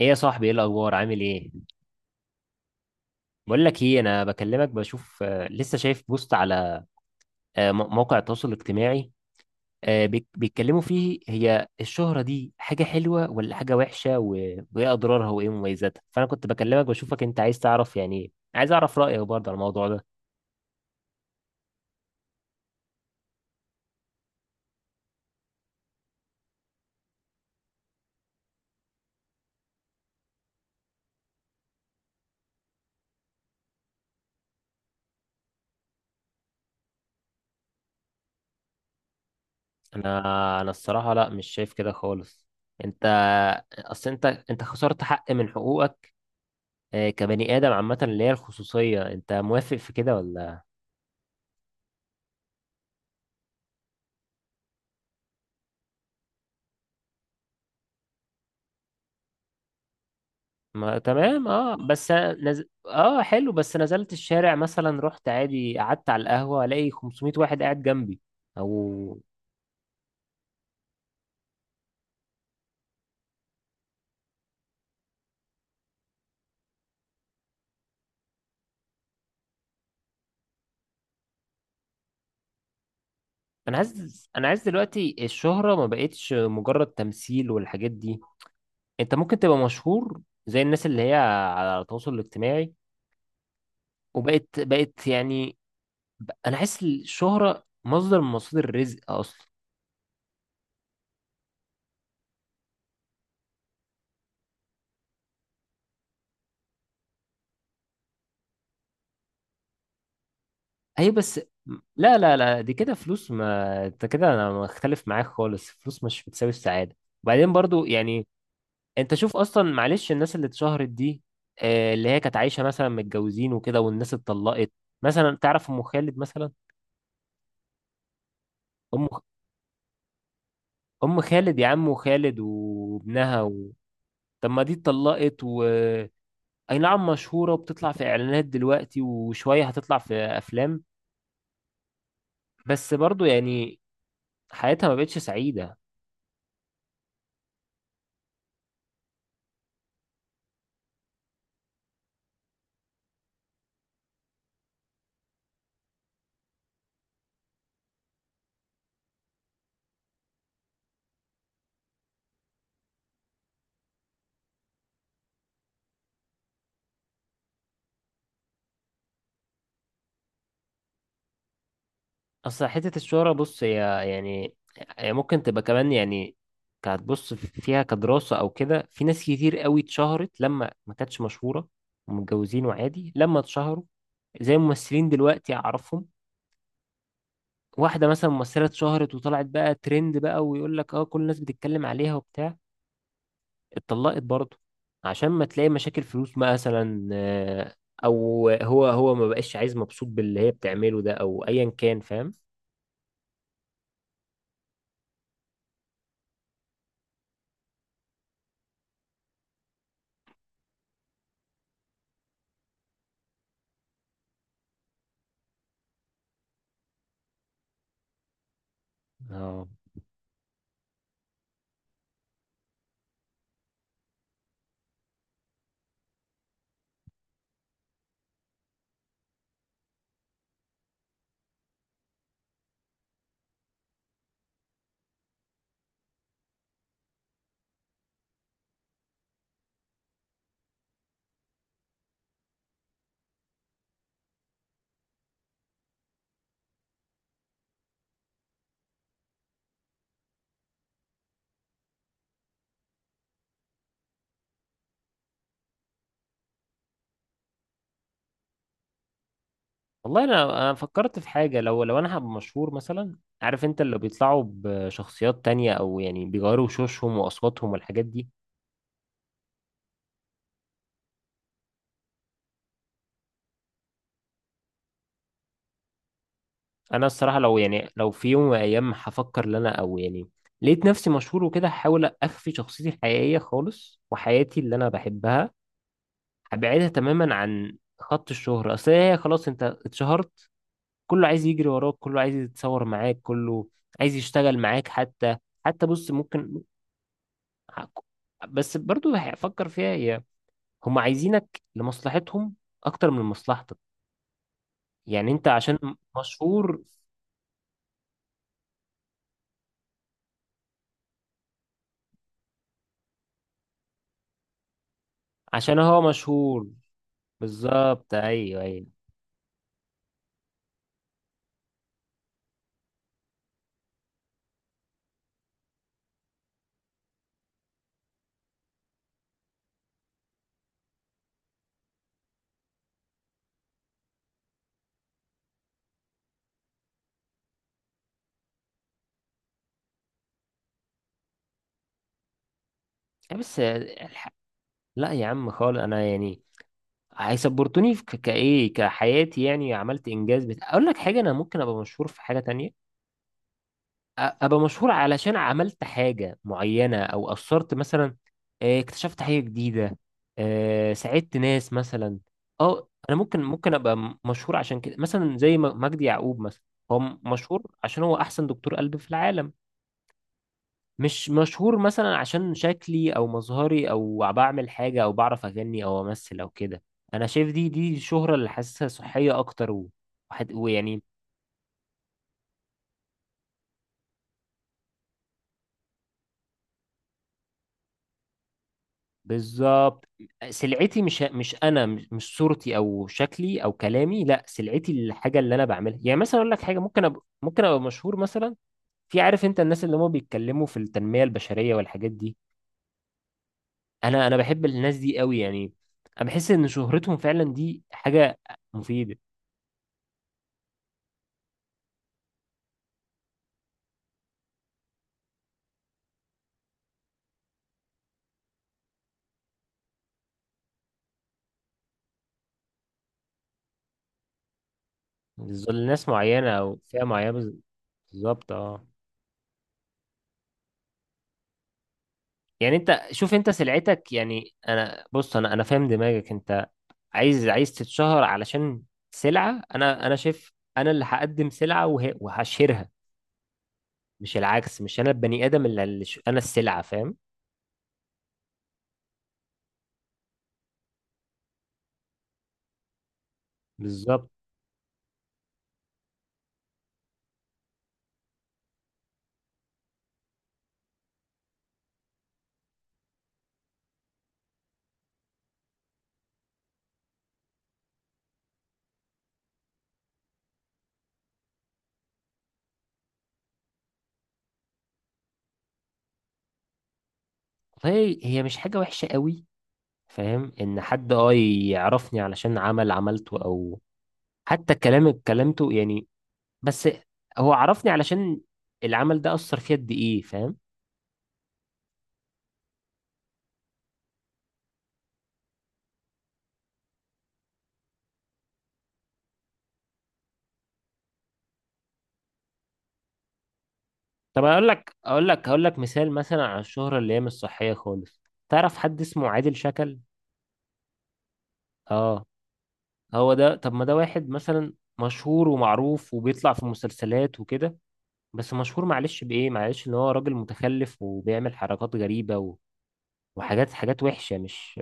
ايه يا صاحبي، ايه الاخبار؟ عامل ايه؟ بقول لك ايه، انا بكلمك بشوف لسه شايف بوست على موقع التواصل الاجتماعي. بيتكلموا فيه، هي الشهرة دي حاجة حلوة ولا حاجة وحشة وايه اضرارها وايه مميزاتها؟ فانا كنت بكلمك بشوفك انت عايز تعرف، يعني عايز اعرف رأيك برضه على الموضوع ده. انا انا الصراحة لا، مش شايف كده خالص. انت اصل انت خسرت حق من حقوقك، كبني ادم عامة، اللي هي الخصوصية. انت موافق في كده ولا؟ ما تمام اه، بس أنا اه حلو، بس نزلت الشارع مثلا، رحت عادي، قعدت على القهوة، الاقي 500 واحد قاعد جنبي او. انا عايز دلوقتي الشهرة ما بقتش مجرد تمثيل والحاجات دي. انت ممكن تبقى مشهور زي الناس اللي هي على التواصل الاجتماعي، وبقت يعني انا حاسس الشهرة مصدر من مصادر الرزق اصلا. ايوه بس لا، لا، لا، دي كده فلوس. ما انت كده انا مختلف معاك خالص، فلوس مش بتساوي السعاده. وبعدين برضو يعني، انت شوف اصلا، معلش، الناس اللي اتشهرت دي، اللي هي كانت عايشه مثلا متجوزين وكده والناس اتطلقت. مثلا تعرف ام خالد؟ مثلا ام ام خالد يا عم خالد وابنها و... طب ما دي اتطلقت و اي نعم مشهوره وبتطلع في اعلانات دلوقتي وشويه هتطلع في افلام، بس برضو يعني حياتها ما بقتش سعيده. اصل حتة الشهرة، بص هي يعني هي ممكن تبقى كمان، يعني كهتبص فيها كدراسة او كده. في ناس كتير قوي اتشهرت لما ما كانتش مشهورة ومتجوزين، وعادي لما اتشهروا، زي ممثلين دلوقتي اعرفهم. واحدة مثلا ممثلة اتشهرت وطلعت بقى ترند، بقى ويقول لك اه كل الناس بتتكلم عليها وبتاع، اتطلقت برضه عشان ما تلاقي مشاكل فلوس مثلا، او هو ما بقاش عايز، مبسوط باللي هي بتعمله ده او ايا كان، فاهم. والله انا فكرت في حاجه، لو انا هبقى مشهور مثلا، عارف انت اللي بيطلعوا بشخصيات تانية او يعني بيغيروا وشوشهم واصواتهم والحاجات دي. انا الصراحه، لو يعني لو في يوم من الايام هفكر ان انا او يعني لقيت نفسي مشهور وكده، هحاول اخفي شخصيتي الحقيقيه خالص وحياتي اللي انا بحبها، هبعدها تماما عن خط الشهره. اصل هي خلاص انت اتشهرت، كله عايز يجري وراك، كله عايز يتصور معاك، كله عايز يشتغل معاك. حتى بص ممكن، بس برضو هفكر فيها، هي هم عايزينك لمصلحتهم اكتر من مصلحتك. يعني انت عشان مشهور عشان هو مشهور، بالظبط، ايوه، ايوه بس لا يا عم خالص. انا يعني هيسبورتوني في كايه كحياتي يعني، عملت انجاز اقول لك حاجه، انا ممكن ابقى مشهور في حاجه تانية، ابقى مشهور علشان عملت حاجة معينة او اثرت مثلا، اكتشفت حاجة جديدة، ساعدت ناس مثلا. اه انا ممكن ابقى مشهور عشان كده مثلا، زي مجدي يعقوب مثلا، هو مشهور عشان هو احسن دكتور قلب في العالم. مش مشهور مثلا عشان شكلي او مظهري او بعمل حاجة او بعرف اغني او امثل او كده. انا شايف دي شهرة اللي حاسسها صحية اكتر ويعني. بالظبط، سلعتي مش انا، مش صورتي او شكلي او كلامي، لا سلعتي الحاجه اللي انا بعملها. يعني مثلا اقول لك حاجه، ممكن ممكن ابقى مشهور مثلا في، عارف انت الناس اللي هم بيتكلموا في التنميه البشريه والحاجات دي. انا بحب الناس دي قوي يعني، انا بحس ان شهرتهم فعلا دي حاجه مفيده، بالظبط لناس معينه او فئه معينه بالظبط، اه، يعني انت شوف انت سلعتك. يعني انا بص انا فاهم دماغك، انت عايز تتشهر علشان سلعة. انا شايف انا اللي هقدم سلعة وهشيرها، مش العكس، مش انا البني ادم اللي انا السلعة، فاهم. بالظبط، هي مش حاجة وحشة قوي. فاهم ان حد يعرفني علشان عمل عملته، او حتى كلام اتكلمته يعني، بس هو عرفني علشان العمل ده اثر فيا قد ايه، فاهم. طب، اقول لك اقول لك هقول لك مثال مثلا على الشهرة اللي هي مش صحية خالص. تعرف حد اسمه عادل شكل؟ اه، هو ده. طب ما ده واحد مثلا مشهور ومعروف وبيطلع في مسلسلات وكده، بس مشهور معلش بإيه؟ معلش ان هو راجل متخلف وبيعمل حركات غريبة و... وحاجات حاجات وحشة، مش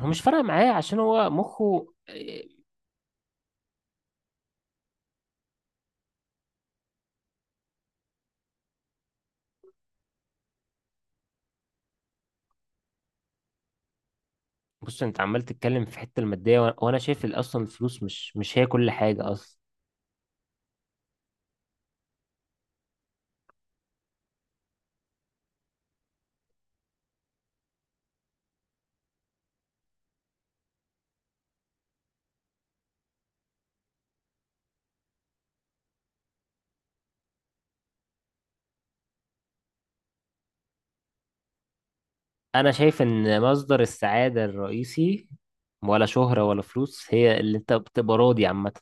هو مش فارقة معاه عشان هو مخه إيه. بص انت عمال تتكلم في حتة المادية وانا شايف اصلا الفلوس، مش هي كل حاجة اصلا. انا شايف ان مصدر السعادة الرئيسي، ولا شهرة ولا فلوس، هي اللي انت بتبقى راضي عامة.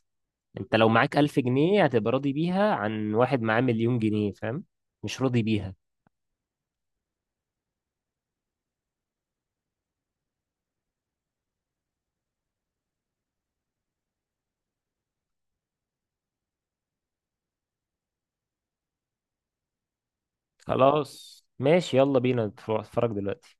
انت لو معاك 1000 جنيه هتبقى راضي بيها عن واحد معاه مليون جنيه، فاهم؟ مش راضي بيها. خلاص، ماشي، يلا بينا نتفرج دلوقتي.